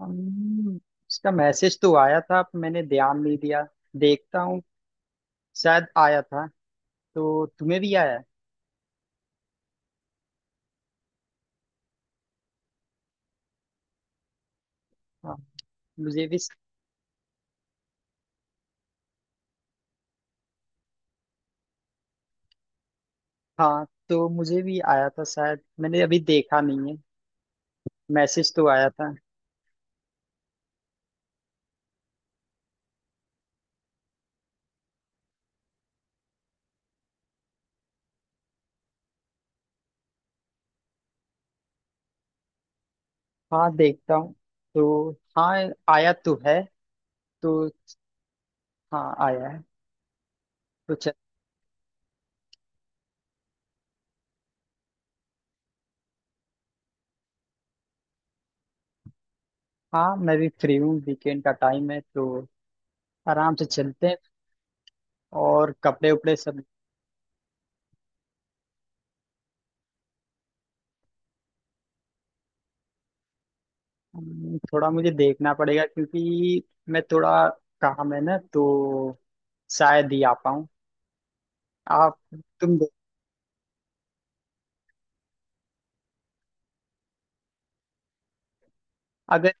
हम्म, इसका मैसेज तो आया था पर मैंने ध्यान नहीं दिया। देखता हूँ। शायद आया था। तो तुम्हें भी आया है? हाँ, मुझे भी। हाँ, तो मुझे भी आया था शायद मैंने अभी देखा नहीं है। मैसेज तो आया था। हाँ, देखता हूँ। तो। हाँ, आया तो है। तो। हाँ, आया है। तो चल। हाँ, मैं भी फ्री हूँ वीकेंड का टाइम है तो। आराम से चलते हैं। और कपड़े उपड़े सब। थोड़ा मुझे देखना पड़ेगा क्योंकि मैं थोड़ा काम है ना तो शायद ही आ पाऊँ। आप। तुम दे- अगर।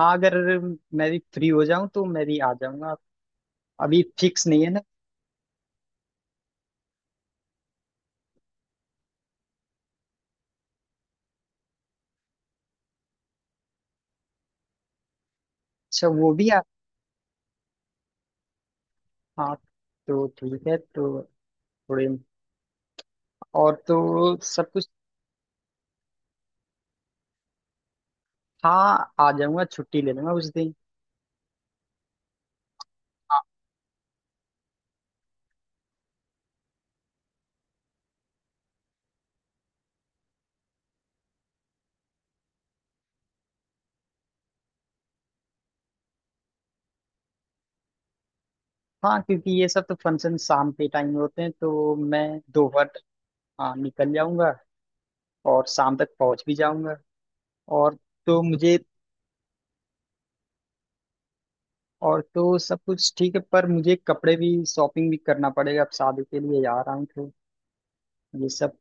हाँ, अगर मैं भी फ्री हो जाऊँ तो मैं भी आ जाऊँगा। अभी फिक्स नहीं है ना। अच्छा, वो भी आ। हाँ, तो ठीक है तो। थोड़े। और तो सब कुछ। हाँ, आ जाऊँगा छुट्टी ले लूँगा उस दिन। हाँ। हाँ, क्योंकि ये सब तो फंक्शन शाम के टाइम होते हैं तो मैं दोपहर तक, हाँ निकल जाऊँगा। और शाम तक पहुँच भी जाऊँगा। और। तो मुझे। और तो सब कुछ ठीक है पर मुझे कपड़े भी शॉपिंग भी करना पड़ेगा अब शादी के लिए जा रहा हूँ तो। ये सब।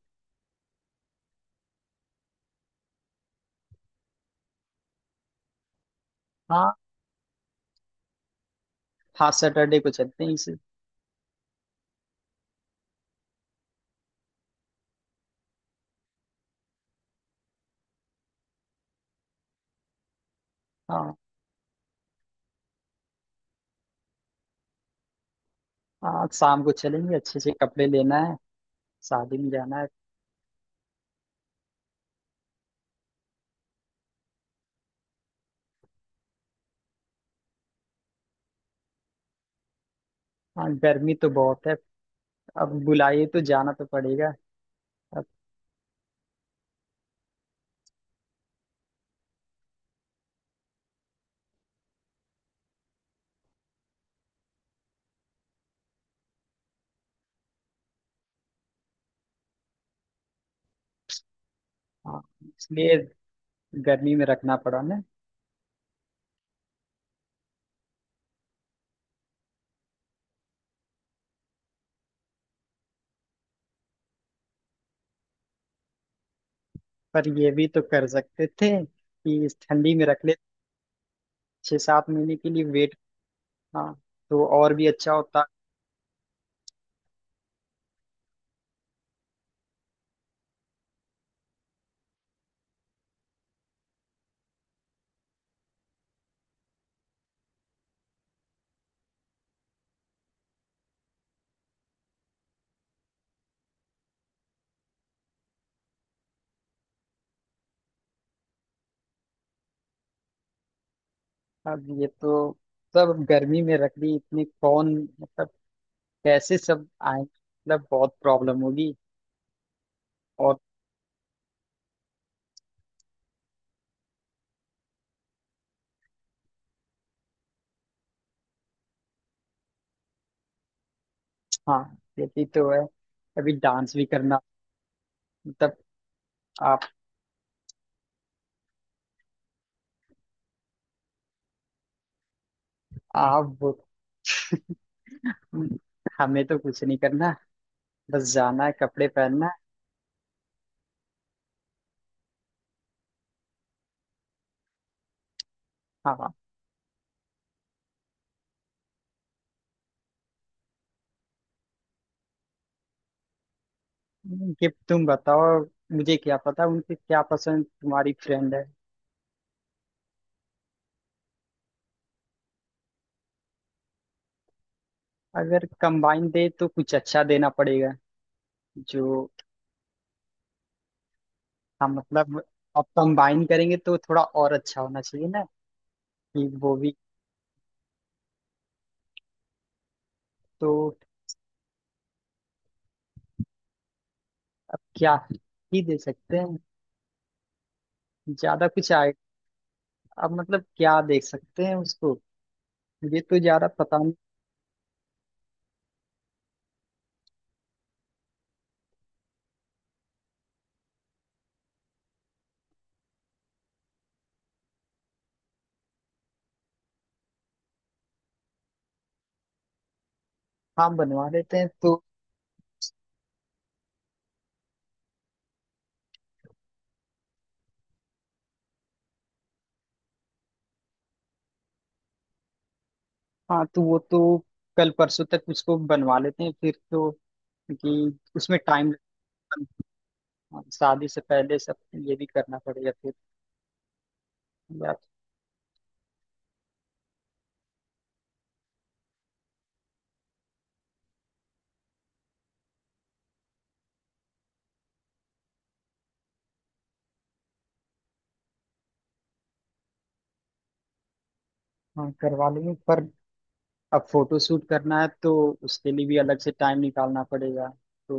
हाँ। हाँ, सैटरडे को चलते हैं इसे। हाँ। हाँ, शाम को चलेंगे अच्छे से कपड़े लेना है। शादी में जाना है। हाँ, गर्मी तो बहुत है। अब बुलाइए तो जाना तो पड़ेगा। अब। हाँ। इसलिए। गर्मी में रखना पड़ा ना। पर ये भी तो कर सकते थे कि इस ठंडी में रख ले। 6-7 महीने के लिए वेट। हाँ। तो और भी अच्छा होता। अब ये तो। सब गर्मी में रख दी इतनी कौन। मतलब। कैसे सब आए मतलब बहुत प्रॉब्लम होगी। और। हाँ, ये भी तो है। अभी डांस भी करना। मतलब। आप। आप वो- हमें तो कुछ नहीं करना। बस जाना है कपड़े पहनना है। हाँ। कि तुम बताओ। मुझे क्या पता उनके क्या पसंद तुम्हारी फ्रेंड है। अगर कंबाइन दे तो कुछ अच्छा देना पड़ेगा। जो। हम मतलब। अब कंबाइन करेंगे तो थोड़ा और अच्छा होना चाहिए ना। कि वो भी। तो। अब क्या। ही दे सकते हैं। ज्यादा कुछ आए। अब मतलब क्या दे सकते हैं उसको। ये तो ज्यादा पता नहीं। हाँ, बनवा लेते हैं तो। हाँ, तो वो तो। कल परसों तक उसको बनवा लेते हैं फिर तो क्योंकि उसमें टाइम लगता है। हाँ, शादी से पहले सब। ये भी करना पड़ेगा फिर। या। हाँ, करवा लेंगे पर। अब फोटो शूट करना है तो। उसके लिए भी अलग से टाइम निकालना पड़ेगा। तो।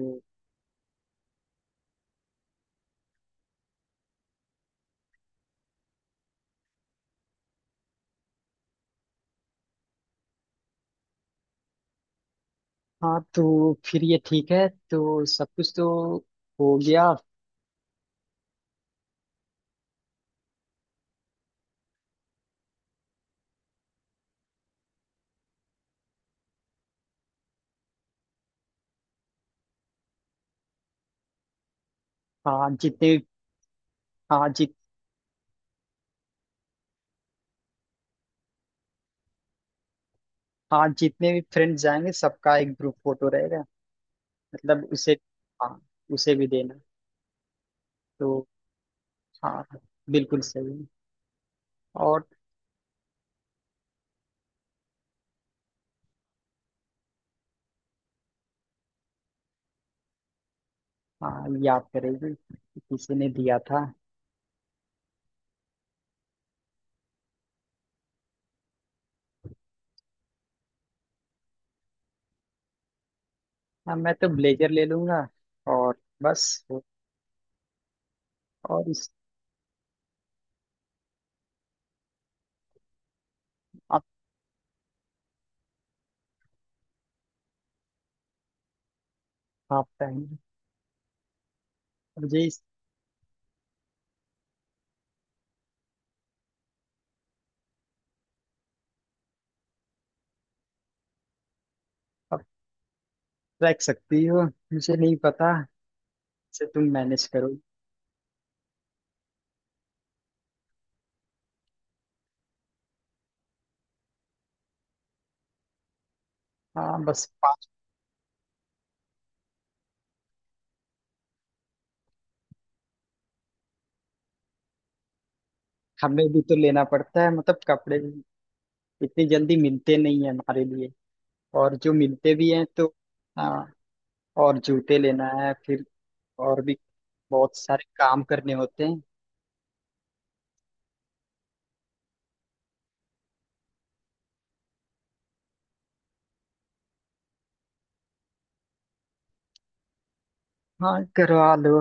हाँ, तो फिर ये ठीक है तो सब कुछ तो। हो गया। हाँ जितने हाँ जित हाँ, जितने भी फ्रेंड्स जाएंगे सबका एक ग्रुप फोटो रहेगा। मतलब उसे। हाँ। उसे भी देना। तो। हाँ। बिल्कुल सही। और। हाँ, याद करेगी कि किसी ने दिया था। हाँ, मैं तो ब्लेजर ले लूंगा। और। बस। और इस। आप। आप पहन। मुझे इस। आप रख सकती हो। मुझे नहीं पता। से तुम मैनेज करो। हाँ, बस पाँच। हमें भी तो लेना पड़ता है मतलब कपड़े भी। इतनी जल्दी मिलते नहीं है हमारे लिए। और जो मिलते भी हैं तो। हाँ। और जूते लेना है फिर। और भी। बहुत सारे काम करने होते हैं। हाँ, करवा लो।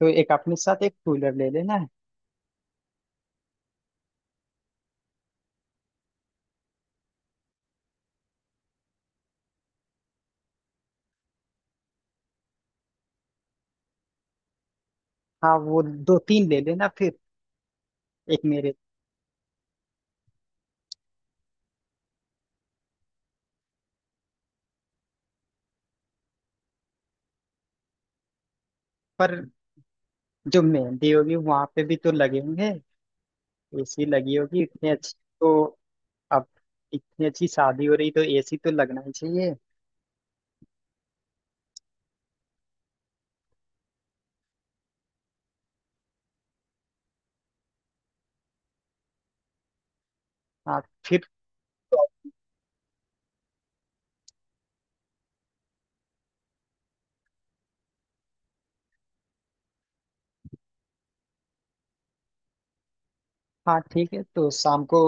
तो एक अपने साथ एक कूलर ले लेना है। हाँ, वो दो तीन ले लेना फिर। एक मेरे। पर जो मेहंदी होगी वहां पे भी तो लगे होंगे। एसी लगी होगी इतनी अच्छी। तो। अब। इतनी अच्छी शादी हो रही तो एसी तो लगना ही चाहिए। हाँ। फिर। तो। हाँ, ठीक है तो शाम को।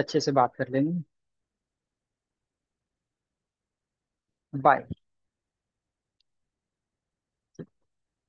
अच्छे से बात कर लेंगे। बाय।